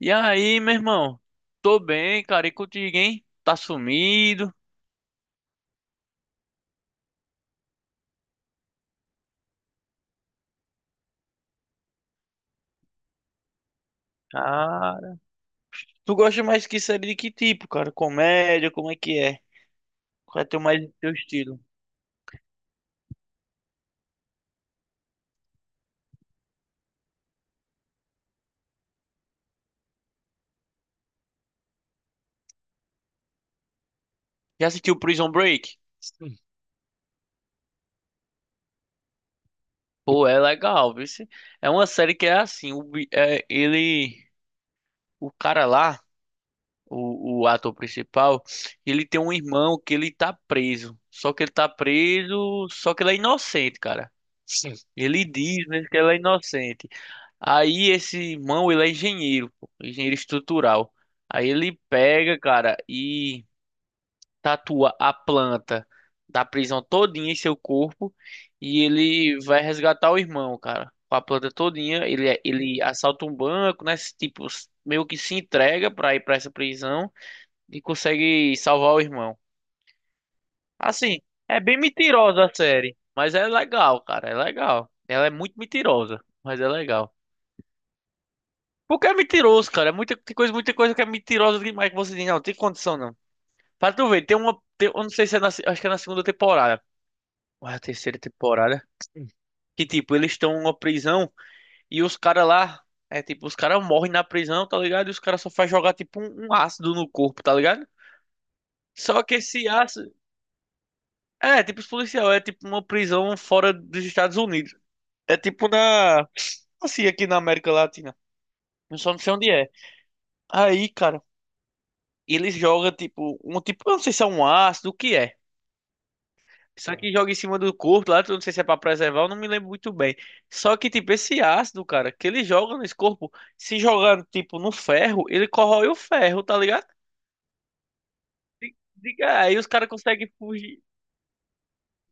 E aí, meu irmão? Tô bem, cara. E contigo, hein? Tá sumido. Cara. Tu gosta mais que série de que tipo, cara? Comédia, como é que é? Qual é teu mais teu estilo? Já assistiu Prison Break? Sim. Pô, é legal, viu? É uma série que é assim, o, bi- é, ele, o cara lá, o ator principal, ele tem um irmão que ele tá preso. Só que ele tá preso, só que ele é inocente, cara. Sim. Ele diz mesmo que ele é inocente. Aí esse irmão, ele é engenheiro, pô, engenheiro estrutural. Aí ele pega, cara, e tatua a planta da prisão todinha em seu corpo e ele vai resgatar o irmão, cara. Com a planta todinha, ele assalta um banco, né? Tipo, meio que se entrega pra ir pra essa prisão e consegue salvar o irmão. Assim, é bem mentirosa a série, mas é legal, cara, é legal. Ela é muito mentirosa, mas é legal. Porque é mentiroso, cara. É. Muita coisa que é mentirosa demais, que você diz, não, não tem condição, não. Pra tu ver, eu não sei se é na, se- acho que é na segunda temporada. Ou é a terceira temporada. Que tipo, eles estão numa prisão e os caras lá. É tipo, os caras morrem na prisão, tá ligado? E os caras só faz jogar tipo um ácido no corpo, tá ligado? Só que esse ácido. É, tipo, os policial, é tipo uma prisão fora dos Estados Unidos. É tipo na. Assim, aqui na América Latina. Eu só não sei onde é. Aí, cara. E ele joga, tipo, um tipo, eu não sei se é um ácido, o que é. Só que joga em cima do corpo lá, eu não sei se é pra preservar, eu não me lembro muito bem. Só que, tipo, esse ácido, cara, que ele joga nesse corpo, se jogando, tipo, no ferro, ele corrói o ferro, tá ligado? Diga, aí os caras conseguem fugir.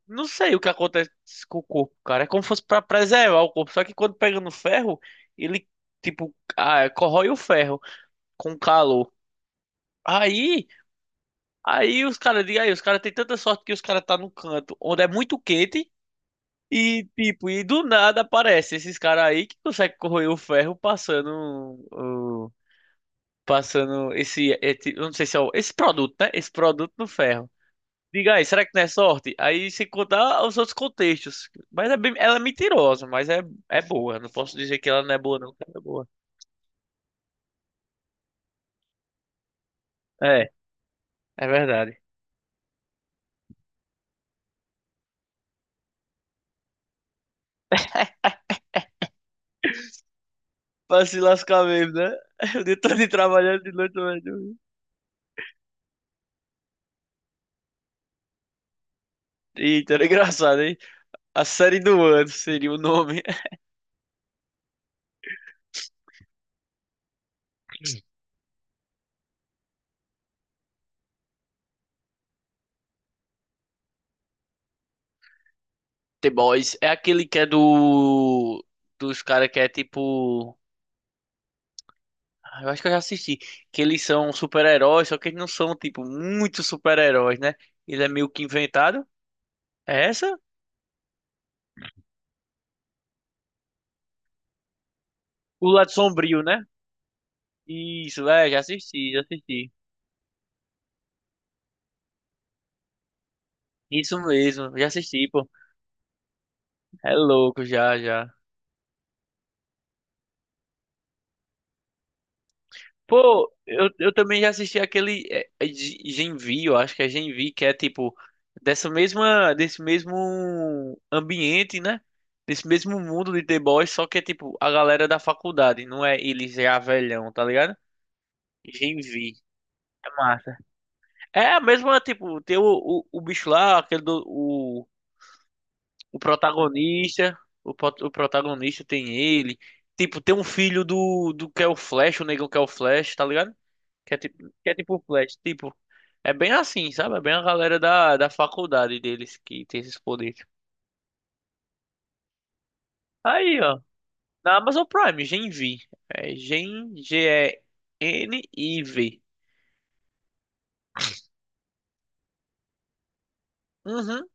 Não sei o que acontece com o corpo, cara. É como se fosse pra preservar o corpo. Só que quando pega no ferro, ele, tipo, corrói o ferro com calor. Aí. Aí os caras, diga aí, os caras têm tanta sorte que os caras tá num canto onde é muito quente e tipo, do nada aparece esses caras aí que conseguem corroer o ferro passando o- passando eu não sei se é o, esse produto, né? Esse produto no ferro. Diga aí, será que não é sorte? Aí sem contar os outros contextos. Ela é mentirosa, mas é é boa. Não posso dizer que ela não é boa, não, que ela é boa. É, é verdade. Pra se lascar mesmo, né? O dia todo trabalhando de noite, velho. Eita, era engraçado, hein? A série do ano seria o nome. The Boys é aquele que é do. Dos caras que é tipo. Ah, eu acho que eu já assisti. Que eles são super-heróis, só que eles não são, tipo, muito super-heróis, né? Ele é meio que inventado. É essa? O lado sombrio, né? Isso, é, já assisti, já assisti. Isso mesmo, já assisti, pô. É louco, já, já. Pô, eu também já assisti aquele é Gen V, eu acho que é Gen V, que é tipo desse mesmo ambiente, né? Desse mesmo mundo de The Boys, só que é tipo a galera da faculdade, não é eles já velhão, tá ligado? Gen V, é massa. É a mesma, tipo, tem o bicho lá, o protagonista, o protagonista tem ele. Tipo, tem um filho do que é o Flash, o negão que é o Flash, tá ligado? Que é tipo, que é tipo o Flash, tipo. É bem assim, sabe? É bem a galera da faculdade deles que tem esses poderes. Aí, ó. Na Amazon Prime, Gen V. É Gen, GENIV. Uhum.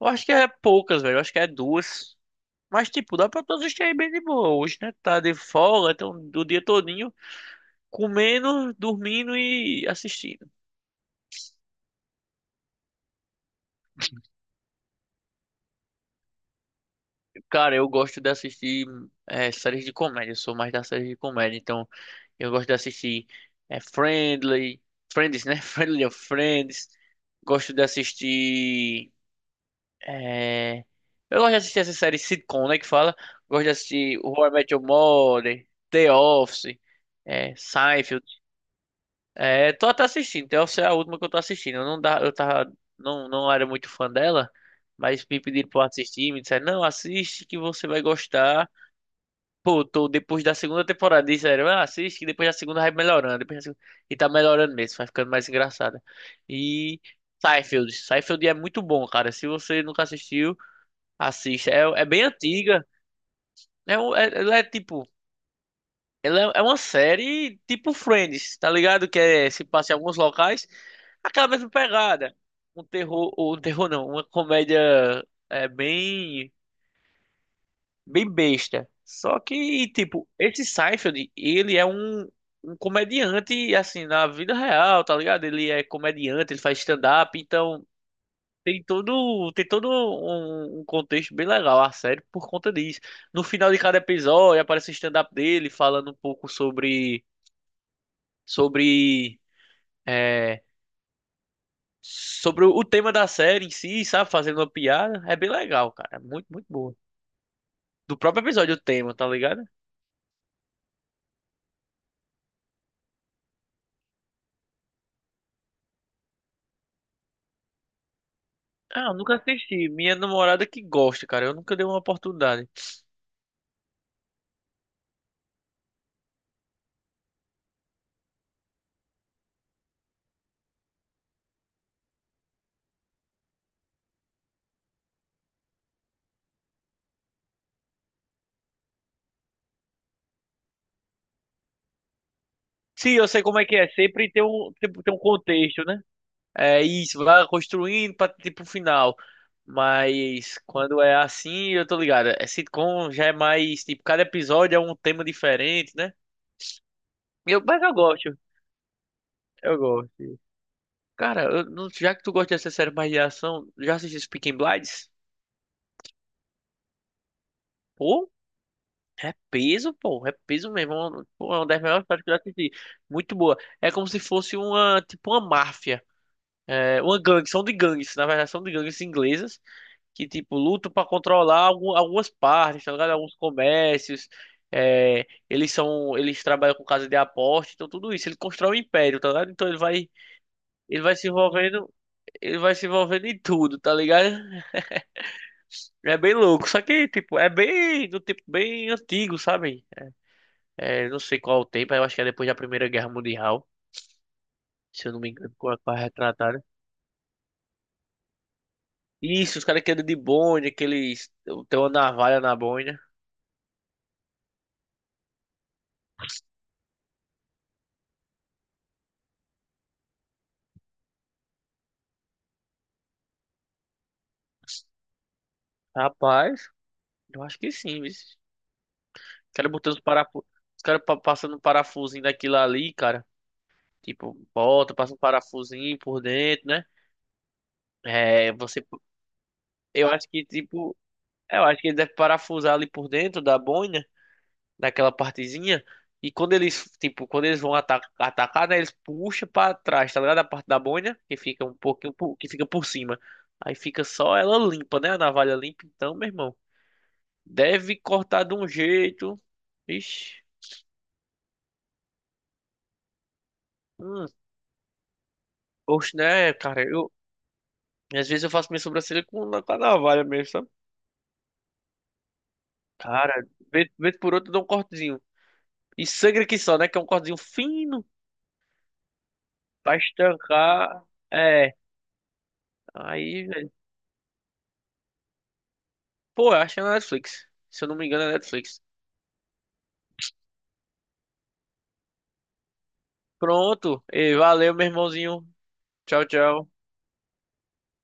Eu acho que é poucas, velho. Eu acho que é duas. Mas, tipo, dá pra todos assistir aí bem de boa. Hoje, né? Tá de folga, então do dia todo comendo, dormindo e assistindo. Cara, eu gosto de assistir séries de comédia. Eu sou mais da série de comédia. Então, eu gosto de assistir Friendly. Friends, né? Friendly of Friends. Gosto de assistir. É, Eu gosto de assistir essa série sitcom, né? Que fala. Gosto de assistir How I Met Your Mother, The Office, Seinfeld. É, tô até assistindo. Essa é a última que eu tô assistindo. Eu não dá, eu tava, não, não era muito fã dela, mas me pediram pra eu assistir, me disseram, não, assiste que você vai gostar. Pô, tô depois da segunda temporada, disseram, assiste que depois da segunda vai melhorando. Depois da segunda... E tá melhorando mesmo, vai ficando mais engraçada. E Seinfeld é muito bom, cara. Se você nunca assistiu, assista. É, é bem antiga. É, um- é, ela é tipo Ela é uma série tipo Friends, tá ligado? Se passa em alguns locais, aquela mesma pegada. Um terror, ou um terror não, uma comédia bem besta. Só que, tipo, esse Seinfeld, ele é um comediante, assim, na vida real, tá ligado? Ele é comediante, ele faz stand-up, então tem todo um contexto bem legal a série por conta disso. No final de cada episódio aparece o stand-up dele falando um pouco sobre, é, sobre o tema da série em si, sabe? Fazendo uma piada. É bem legal, cara. É muito, muito boa. Do próprio episódio, o tema, tá ligado? Ah, eu nunca assisti. Minha namorada que gosta, cara. Eu nunca dei uma oportunidade. Sim, eu sei como é que é. Sempre sempre tem um contexto, né? É isso, vai construindo pra, tipo, o final. Mas quando é assim, eu tô ligado. É sitcom já é mais, tipo, cada episódio é um tema diferente, né? Mas eu gosto. Eu gosto. Cara, eu não- já que tu gosta dessa série mais de ação, já assististe Peaky Blinders? Pô, pô, é peso mesmo. É uma das melhores séries que eu já assisti. Muito boa. É como se fosse tipo, uma máfia. É uma gangue, são de gangues, na verdade, são de gangues inglesas que, tipo, lutam pra controlar algumas partes, tá ligado? Alguns comércios. É, eles trabalham com casa de aposta, então tudo isso. Ele constrói um império, tá ligado? Então ele vai se envolvendo, ele vai se envolvendo em tudo, tá ligado? É bem louco, só que, tipo, é bem do tipo bem antigo, sabe? É, não sei qual é o tempo, eu acho que é depois da Primeira Guerra Mundial, se eu não me engano, com a retratada. Isso, os caras que andam de bonde, aqueles. Tem uma navalha na boina. Rapaz, eu acho que sim, viu? Os caras botando os parafusos. Os caras passando um parafusinho daquilo ali, cara. Tipo, bota, passa um parafusinho por dentro, né? É, você. Eu acho que, tipo. Eu acho que ele deve parafusar ali por dentro da boina. Naquela partezinha. E quando tipo, quando eles vão atacar, né, eles puxam pra trás, tá ligado? A parte da boina, que fica um pouquinho, que fica por cima. Aí fica só ela limpa, né? A navalha limpa. Então, meu irmão, deve cortar de um jeito. Ixi. Hum, gosto, né, cara? Às vezes eu faço minha sobrancelha com a navalha mesmo, sabe? Cara, vez por outra eu dou um cortezinho. E sangra que só, né? Que é um cortezinho fino pra estancar. É. Aí, pô, eu acho que é na Netflix. Se eu não me engano, é Netflix. Pronto. E valeu, meu irmãozinho. Tchau, tchau.